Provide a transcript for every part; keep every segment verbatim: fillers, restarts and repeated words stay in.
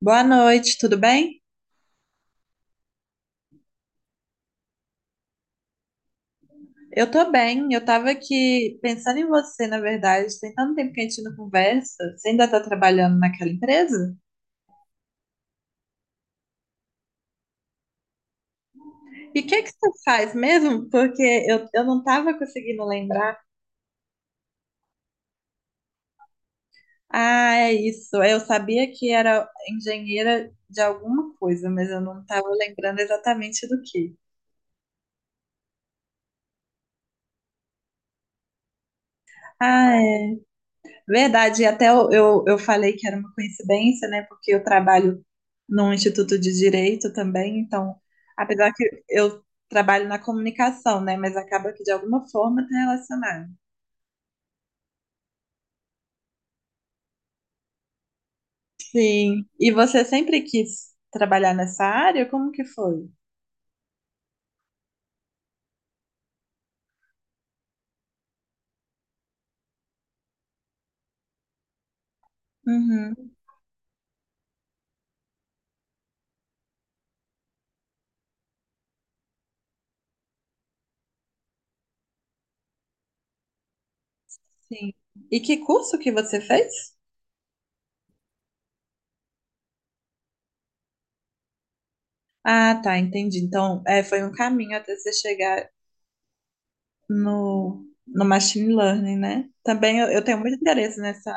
Boa noite, tudo bem? Eu tô bem, eu tava aqui pensando em você, na verdade. Tem tanto tempo que a gente não conversa. Você ainda tá trabalhando naquela empresa? E o que é que você faz mesmo? Porque eu, eu não tava conseguindo lembrar. Ah, é isso. Eu sabia que era engenheira de alguma coisa, mas eu não tava lembrando exatamente do que. Ah, verdade, e até eu, eu, eu falei que era uma coincidência, né? Porque eu trabalho num instituto de direito também, então, apesar que eu trabalho na comunicação, né? Mas acaba que de alguma forma está relacionado. Sim. E você sempre quis trabalhar nessa área? Como que foi? Uhum, sim. E que curso que você fez? Ah, tá, entendi. Então, é, foi um caminho até você chegar no, no machine learning, né? Também eu, eu tenho muito interesse nessa.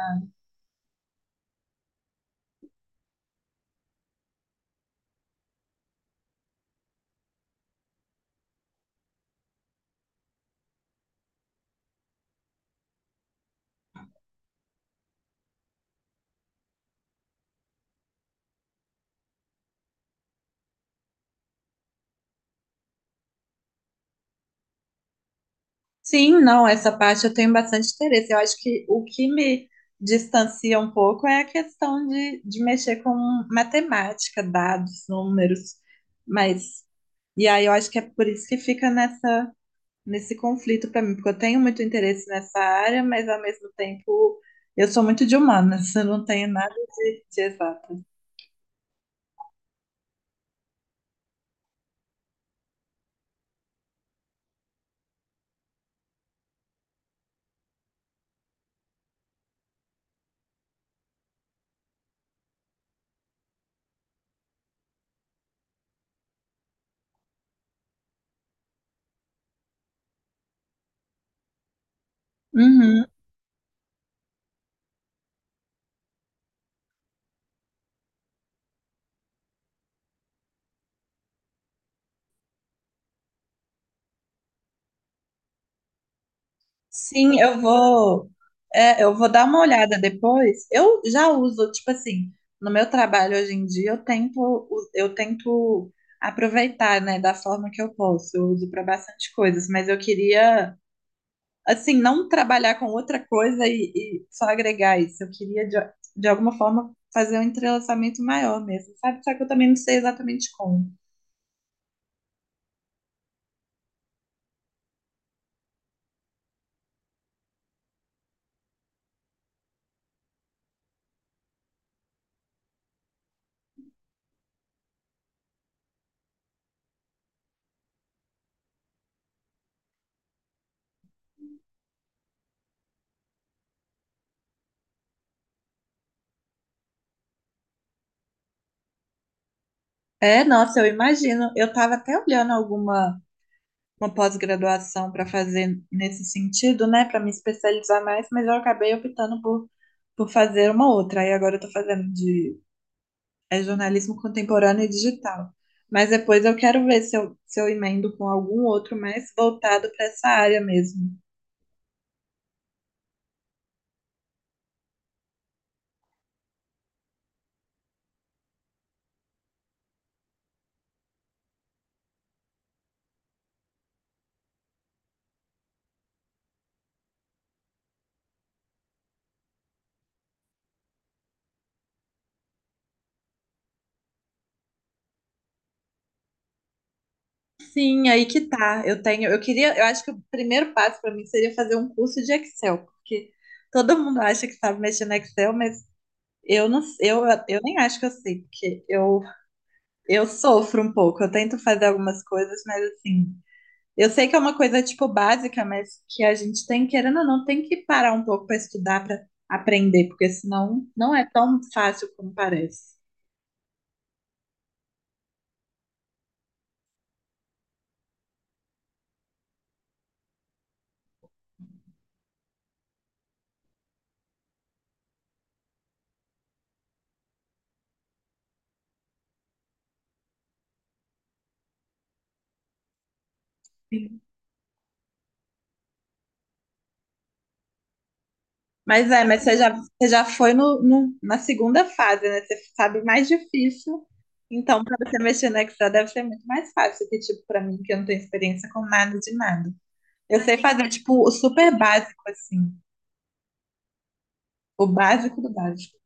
Sim, não, essa parte eu tenho bastante interesse. Eu acho que o que me distancia um pouco é a questão de, de mexer com matemática, dados, números. Mas, e aí eu acho que é por isso que fica nessa, nesse conflito para mim, porque eu tenho muito interesse nessa área, mas ao mesmo tempo eu sou muito de humanas, eu não tenho nada de, de exato. Uhum. Sim, eu vou, é, eu vou dar uma olhada depois. Eu já uso, tipo assim, no meu trabalho hoje em dia, eu tento, u- eu tento aproveitar, né, da forma que eu posso. Eu uso para bastante coisas, mas eu queria, assim, não trabalhar com outra coisa e, e só agregar isso. Eu queria, de, de alguma forma, fazer um entrelaçamento maior mesmo, sabe? Só que eu também não sei exatamente como. É, nossa, eu imagino. Eu tava até olhando alguma. Uma pós-graduação para fazer nesse sentido, né, para me especializar mais, mas eu acabei optando por, por fazer uma outra. Aí agora eu estou fazendo de é jornalismo contemporâneo e digital. Mas depois eu quero ver se eu, se eu emendo com algum outro mais voltado para essa área mesmo. Sim, aí que tá. Eu tenho, eu queria, eu acho que o primeiro passo para mim seria fazer um curso de Excel, porque todo mundo acha que sabe mexer no Excel, mas eu não, eu, eu nem acho que eu sei, porque eu Eu sofro um pouco, eu tento fazer algumas coisas, mas assim, eu sei que é uma coisa tipo básica, mas que a gente tem, querendo ou não, tem que parar um pouco para estudar, para aprender, porque senão não é tão fácil como parece. Sim. Mas é, mas você já, você já foi no, no- na segunda fase, né? Você sabe mais difícil. Então, para você mexer no Excel deve ser muito mais fácil que, tipo, para mim, que eu não tenho experiência com nada de nada. Eu sei fazer, tipo, o super básico, assim. O básico do básico.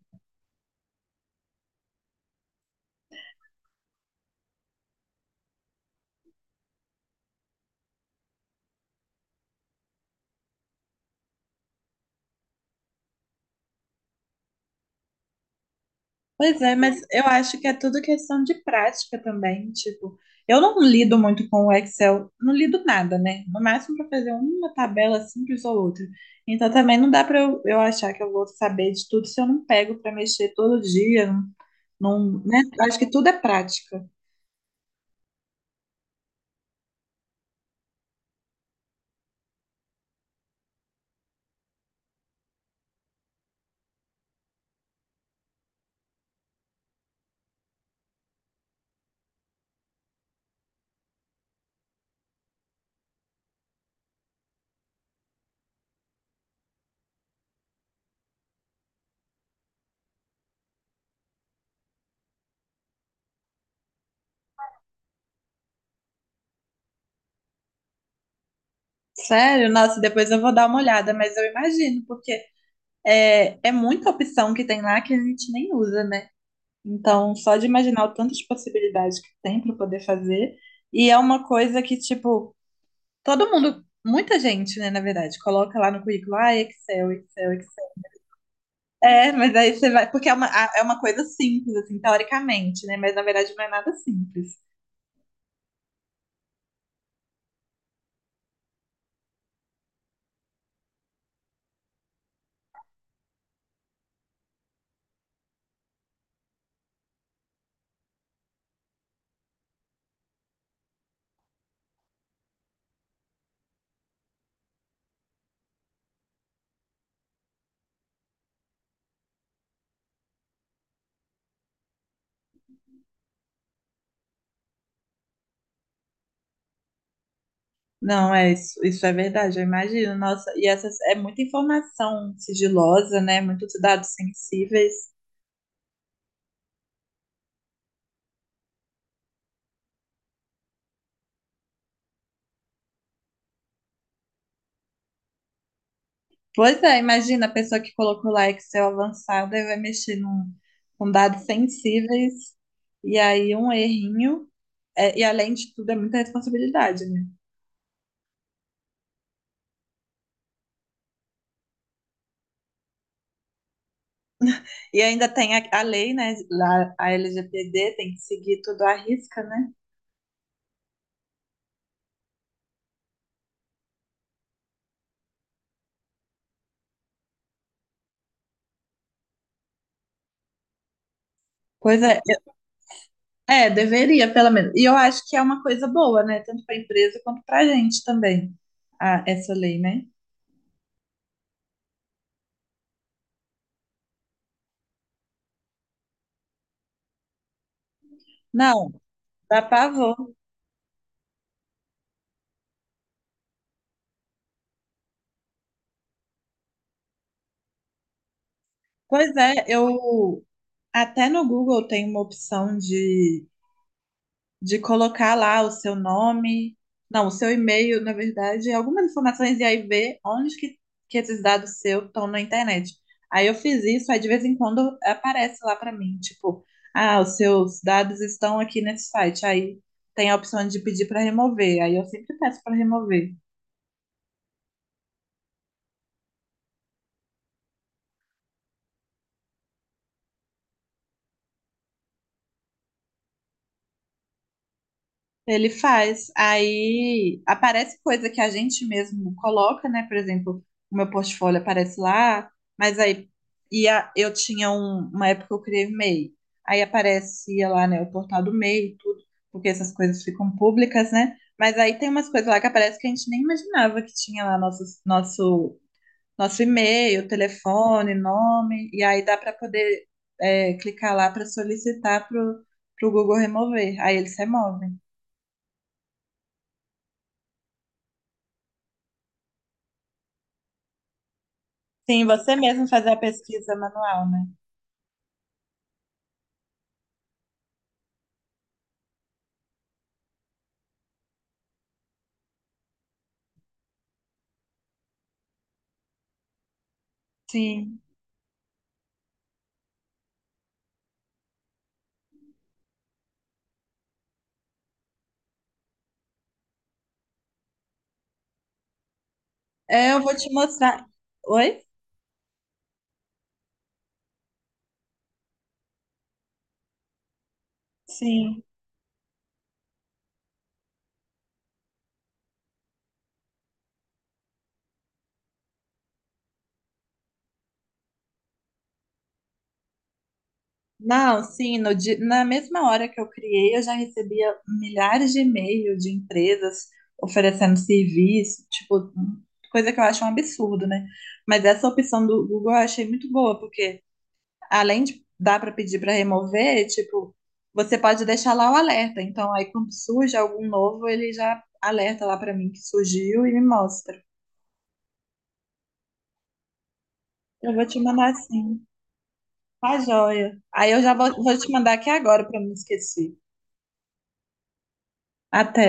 Pois é, mas eu acho que é tudo questão de prática também. Tipo, eu não lido muito com o Excel, não lido nada, né? No máximo para fazer uma tabela simples ou outra. Então também não dá para eu, eu achar que eu vou saber de tudo se eu não pego para mexer todo dia. Não, não- né? Acho que tudo é prática. Sério, nossa, depois eu vou dar uma olhada, mas eu imagino, porque é, é muita opção que tem lá que a gente nem usa, né? Então, só de imaginar o tantas possibilidades que tem para poder fazer, e é uma coisa que, tipo, todo mundo, muita gente, né, na verdade, coloca lá no currículo, ah, Excel, Excel, Excel. É, mas aí você vai, porque é uma, a- é uma coisa simples, assim, teoricamente, né, mas na verdade não é nada simples. Não, é isso, isso é verdade, eu imagino, nossa, e essa é muita informação sigilosa, né, muitos dados sensíveis. Pois é, imagina a pessoa que colocou lá Excel avançado e vai mexer num, com dados sensíveis e aí um errinho. É, e além de tudo, é muita responsabilidade, né? E ainda tem a, a lei, né? Lá, a L G P D, tem que seguir tudo à risca, né? Pois é, é, deveria, pelo menos. E eu acho que é uma coisa boa, né? Tanto para a empresa quanto para a gente também, a, essa lei, né? Não, dá pavor. Pois é, eu até no Google tem uma opção de de colocar lá o seu nome, não, o seu e-mail, na verdade, algumas informações e aí ver onde que, que esses dados seus estão na internet. Aí eu fiz isso, aí de vez em quando aparece lá para mim, tipo, ah, os seus dados estão aqui nesse site. Aí tem a opção de pedir para remover. Aí eu sempre peço para remover. Ele faz. Aí aparece coisa que a gente mesmo coloca, né? Por exemplo, o meu portfólio aparece lá, mas aí ia, eu tinha um- uma época que eu criei o MEI. Aí aparecia lá, né, o portal do MEI e tudo, porque essas coisas ficam públicas, né? Mas aí tem umas coisas lá que aparece que a gente nem imaginava que tinha lá nosso, nosso, nosso e-mail, telefone, nome, e aí dá para poder é, clicar lá para solicitar para o Google remover. Aí eles removem. Sim, você mesmo fazer a pesquisa manual, né? Sim. É, eu vou te mostrar. Oi? Sim. Não, sim, no di- na mesma hora que eu criei, eu já recebia milhares de e-mails de empresas oferecendo serviço, tipo, coisa que eu acho um absurdo, né? Mas essa opção do Google eu achei muito boa, porque além de dar para pedir para remover, tipo, você pode deixar lá o alerta. Então, aí quando surge algum novo, ele já alerta lá para mim que surgiu e me mostra. Eu vou te mandar sim. Tá joia. Aí eu já vou, vou te mandar aqui agora para não esquecer. Até.